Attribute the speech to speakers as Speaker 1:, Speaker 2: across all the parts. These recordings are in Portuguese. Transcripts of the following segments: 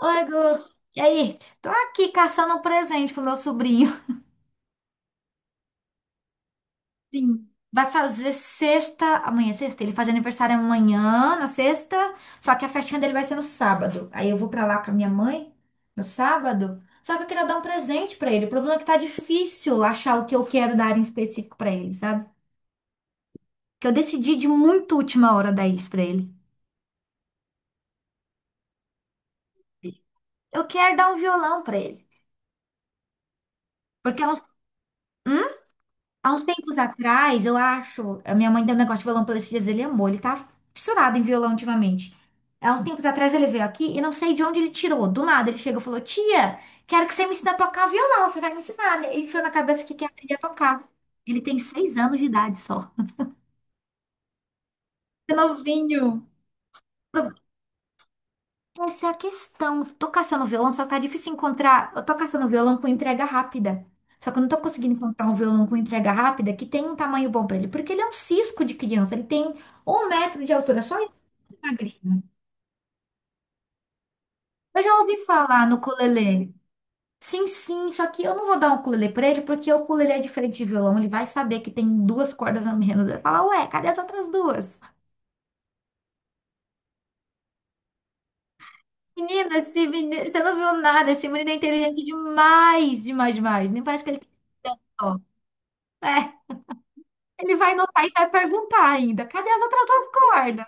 Speaker 1: Oi, Gu. E aí? Tô aqui caçando um presente pro meu sobrinho. Sim. Vai fazer sexta, amanhã é sexta, ele faz aniversário amanhã, na sexta, só que a festinha dele vai ser no sábado. Aí eu vou pra lá com a minha mãe no sábado. Só que eu queria dar um presente pra ele. O problema é que tá difícil achar o que eu quero dar em específico pra ele, sabe? Que eu decidi de muito última hora dar isso pra ele. Eu quero dar um violão pra ele, porque é um há uns tempos atrás, eu acho, a minha mãe deu um negócio de violão pra ele esses dias, ele amou, ele tá fissurado em violão ultimamente. Há uns tempos atrás ele veio aqui e não sei de onde ele tirou. Do nada ele chegou e falou: Tia, quero que você me ensine a tocar violão, você vai me ensinar, né? Ele enfiou na cabeça que quer aprender a tocar. Ele tem 6 anos de idade só. É novinho. Essa é a questão. Tô caçando violão, só que tá difícil encontrar. Eu tô caçando violão com entrega rápida. Só que eu não tô conseguindo encontrar um violão com entrega rápida que tenha um tamanho bom pra ele. Porque ele é um cisco de criança. Ele tem 1 metro de altura, só isso, é magrinho. Eu já ouvi falar no ukulele. Sim, sim, só que eu não vou dar um ukulele pra ele, porque o ukulele é diferente de violão. Ele vai saber que tem duas cordas a menos. Ele vai falar, ué, cadê as outras duas? Menina, esse menino, você não viu nada. Esse menino é inteligente demais, demais, demais. Nem parece que ele tem dó. É. Ele vai notar e vai perguntar ainda: cadê as outras duas cordas?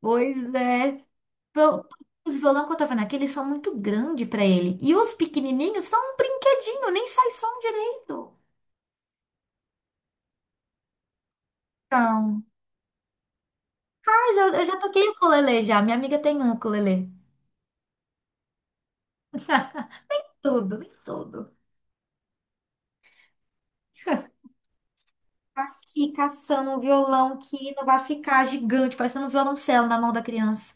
Speaker 1: Pois é. Pro- Os violão que eu tô vendo aqui, eles são muito grandes pra ele. E os pequenininhos são um brinquedinho, nem sai som direito. Então, mas eu já toquei ukulele já. Minha amiga tem um ukulele. Tudo, nem tudo. Tá. Aqui caçando um violão que não vai ficar gigante, parecendo um violoncelo na mão da criança.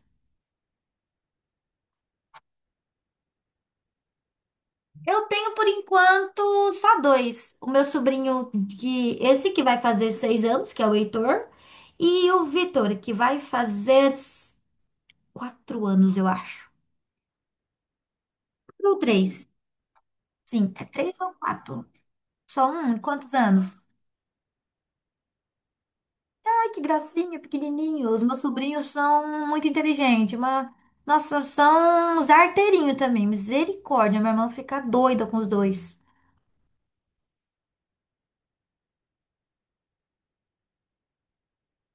Speaker 1: Eu tenho por enquanto só dois. O meu sobrinho, que esse que vai fazer 6 anos, que é o Heitor, e o Vitor, que vai fazer 4 anos, eu acho. Ou três. Sim, é três ou quatro. Só um? Quantos anos? Ai, que gracinha, pequenininho. Os meus sobrinhos são muito inteligentes, mas. Nossa, são uns arteirinhos também. Misericórdia, minha irmã fica doida com os dois.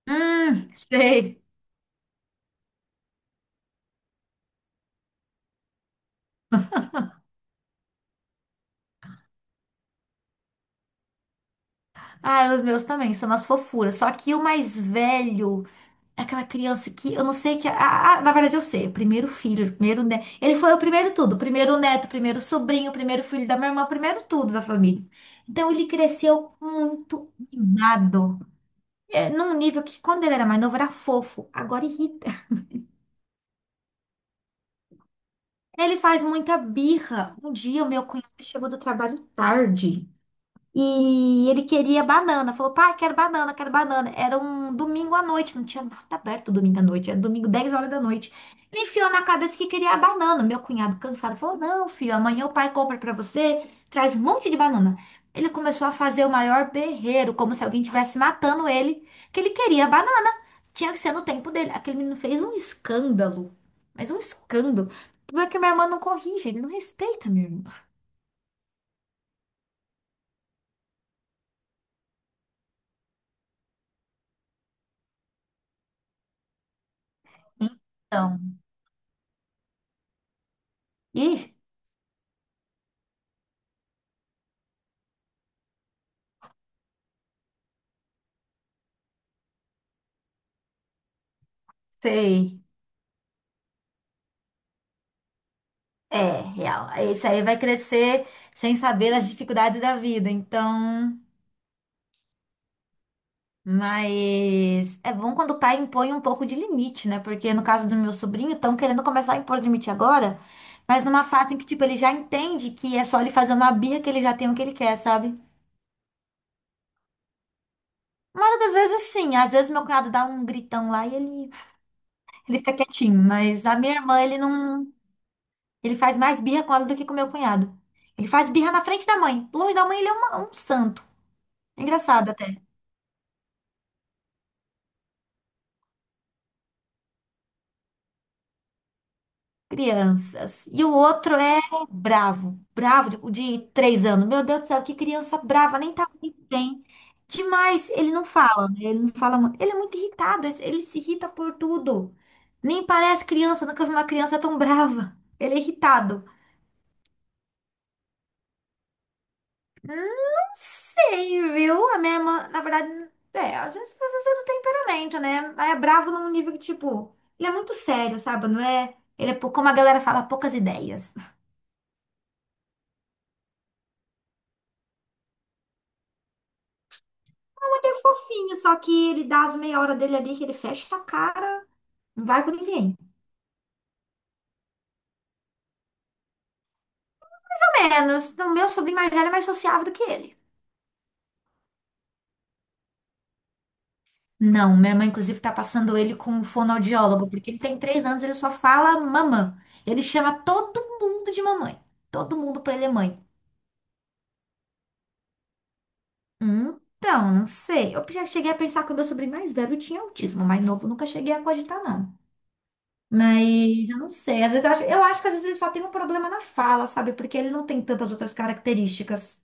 Speaker 1: Sei. Ah, os meus também, são umas fofuras. Só que o mais velho, é aquela criança que eu não sei que. Ah, ah, na verdade, eu sei. O primeiro filho, o primeiro neto. Ele foi o primeiro tudo. O primeiro neto, o primeiro sobrinho, o primeiro filho da minha irmã, o primeiro tudo da família. Então ele cresceu muito mimado. É, num nível que quando ele era mais novo era fofo, agora irrita. Ele faz muita birra. Um dia o meu cunhado chegou do trabalho tarde. E ele queria banana. Falou, pai, quero banana, quero banana. Era um domingo à noite, não tinha nada aberto domingo à noite. Era domingo, 10 horas da noite. Ele enfiou na cabeça que queria a banana. Meu cunhado, cansado, falou: Não, filho, amanhã o pai compra pra você, traz um monte de banana. Ele começou a fazer o maior berreiro, como se alguém estivesse matando ele, que ele queria a banana. Tinha que ser no tempo dele. Aquele menino fez um escândalo, mas um escândalo. Como é que minha irmã não corrige? Ele não respeita minha irmã. Então, e sei. É, real. Esse aí vai crescer sem saber as dificuldades da vida. Então, mas é bom quando o pai impõe um pouco de limite, né? Porque no caso do meu sobrinho, estão querendo começar a impor limite agora, mas numa fase em que, tipo, ele já entende que é só ele fazer uma birra que ele já tem o que ele quer, sabe? Uma hora das vezes, sim. Às vezes meu cunhado dá um gritão lá e ele fica quietinho. Mas a minha irmã, ele não. Ele faz mais birra com ela do que com meu cunhado. Ele faz birra na frente da mãe. Longe da mãe, ele é um santo. É engraçado. Crianças. E o outro é bravo, bravo, o de 3 anos. Meu Deus do céu, que criança brava, nem tá muito bem. Demais, ele não fala, né? Ele não fala muito. Ele é muito irritado, ele se irrita por tudo. Nem parece criança, nunca vi uma criança tão brava. Ele é irritado. Não sei, viu? A minha irmã, na verdade, é, às vezes é do temperamento, né? Mas é bravo num nível que, tipo, ele é muito sério, sabe? Não é? Ele é, como a galera fala, poucas ideias. Ele é fofinho, só que ele dá as meia hora dele ali que ele fecha a cara, não vai com ninguém. Pelo menos, o meu sobrinho mais velho é mais sociável do que ele. Não, minha irmã, inclusive, tá passando ele com um fonoaudiólogo, porque ele tem 3 anos, ele só fala mamã. Ele chama todo mundo de mamãe. Todo mundo pra ele é mãe. Então, não sei. Eu já cheguei a pensar que o meu sobrinho mais velho tinha autismo, mais novo nunca cheguei a cogitar, não. Mas eu não sei. Às vezes eu acho que às vezes ele só tem um problema na fala, sabe? Porque ele não tem tantas outras características.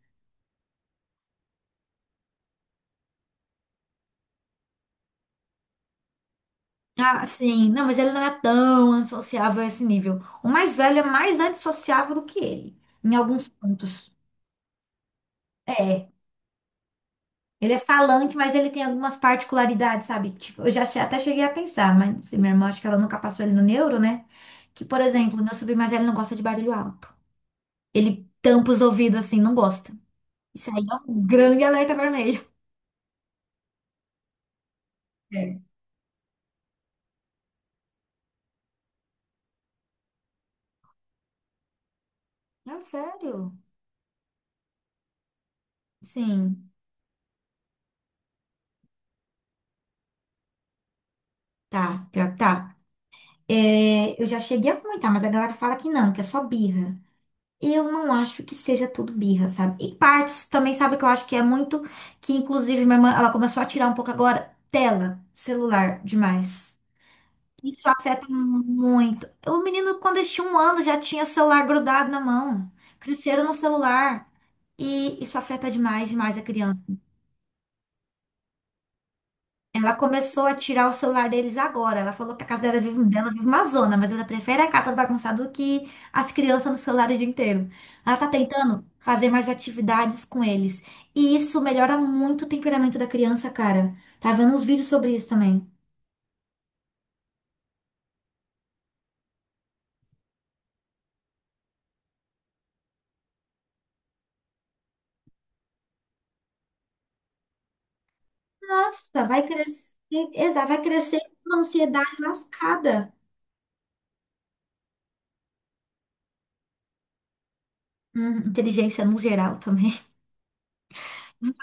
Speaker 1: Ah, sim. Não, mas ele não é tão antissociável a esse nível. O mais velho é mais antissociável do que ele, em alguns pontos. É. Ele é falante, mas ele tem algumas particularidades, sabe? Tipo, eu até cheguei a pensar, mas não sei, minha irmã, acho que ela nunca passou ele no neuro, né? Que, por exemplo, meu sobrinho mais velho não gosta de barulho alto. Ele tampa os ouvidos assim, não gosta. Isso aí é um grande alerta vermelho. É. Não, sério? Sim. Tá, pior que tá. É, eu já cheguei a comentar, mas a galera fala que não, que é só birra. Eu não acho que seja tudo birra, sabe? Em partes, também sabe que eu acho que é muito. Que inclusive minha irmã, ela começou a tirar um pouco agora tela, celular, demais. Isso afeta muito. O menino, quando eles tinham 1 ano, já tinha celular grudado na mão. Cresceram no celular. E isso afeta demais, demais a criança. Ela começou a tirar o celular deles agora. Ela falou que a casa dela vive uma zona, mas ela prefere a casa bagunçada do que as crianças no celular o dia inteiro. Ela tá tentando fazer mais atividades com eles. E isso melhora muito o temperamento da criança, cara. Tá vendo uns vídeos sobre isso também. Nossa, vai crescer, exato, vai crescer com uma ansiedade lascada. Inteligência no geral também.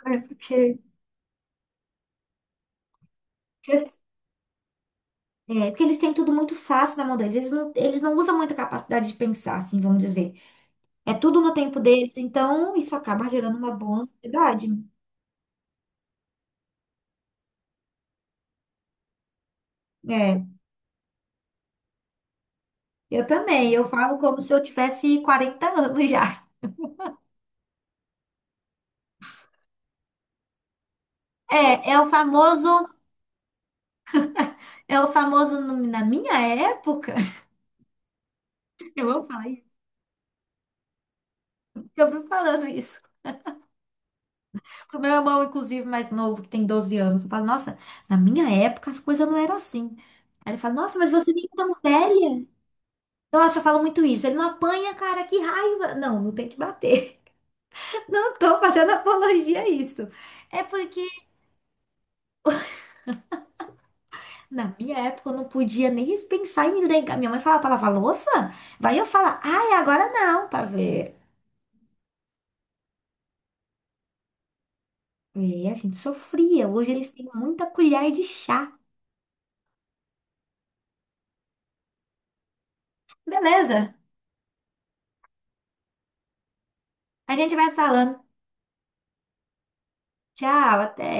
Speaker 1: É Porque, porque- Porque eles têm tudo muito fácil na mão deles. Eles não usam muita capacidade de pensar, assim, vamos dizer. É tudo no tempo deles, então isso acaba gerando uma boa ansiedade. É, eu também, eu falo como se eu tivesse 40 anos já. É, é o famoso na minha época. Eu vou falar isso, porque eu vivo falando isso. Pro meu irmão, inclusive, mais novo, que tem 12 anos, eu falo, nossa, na minha época as coisas não eram assim. Aí ele fala, nossa, mas você nem é tão velha. Nossa, eu falo muito isso. Ele não apanha, cara, que raiva. Não, não tem que bater. Não tô fazendo apologia a isso. É porque na minha época, eu não podia nem pensar em ligar. Minha mãe falava pra lavar louça, vai eu falar, ai, agora não, pra ver. E a gente sofria. Hoje eles têm muita colher de chá. Beleza, a gente vai se falando. Tchau, até.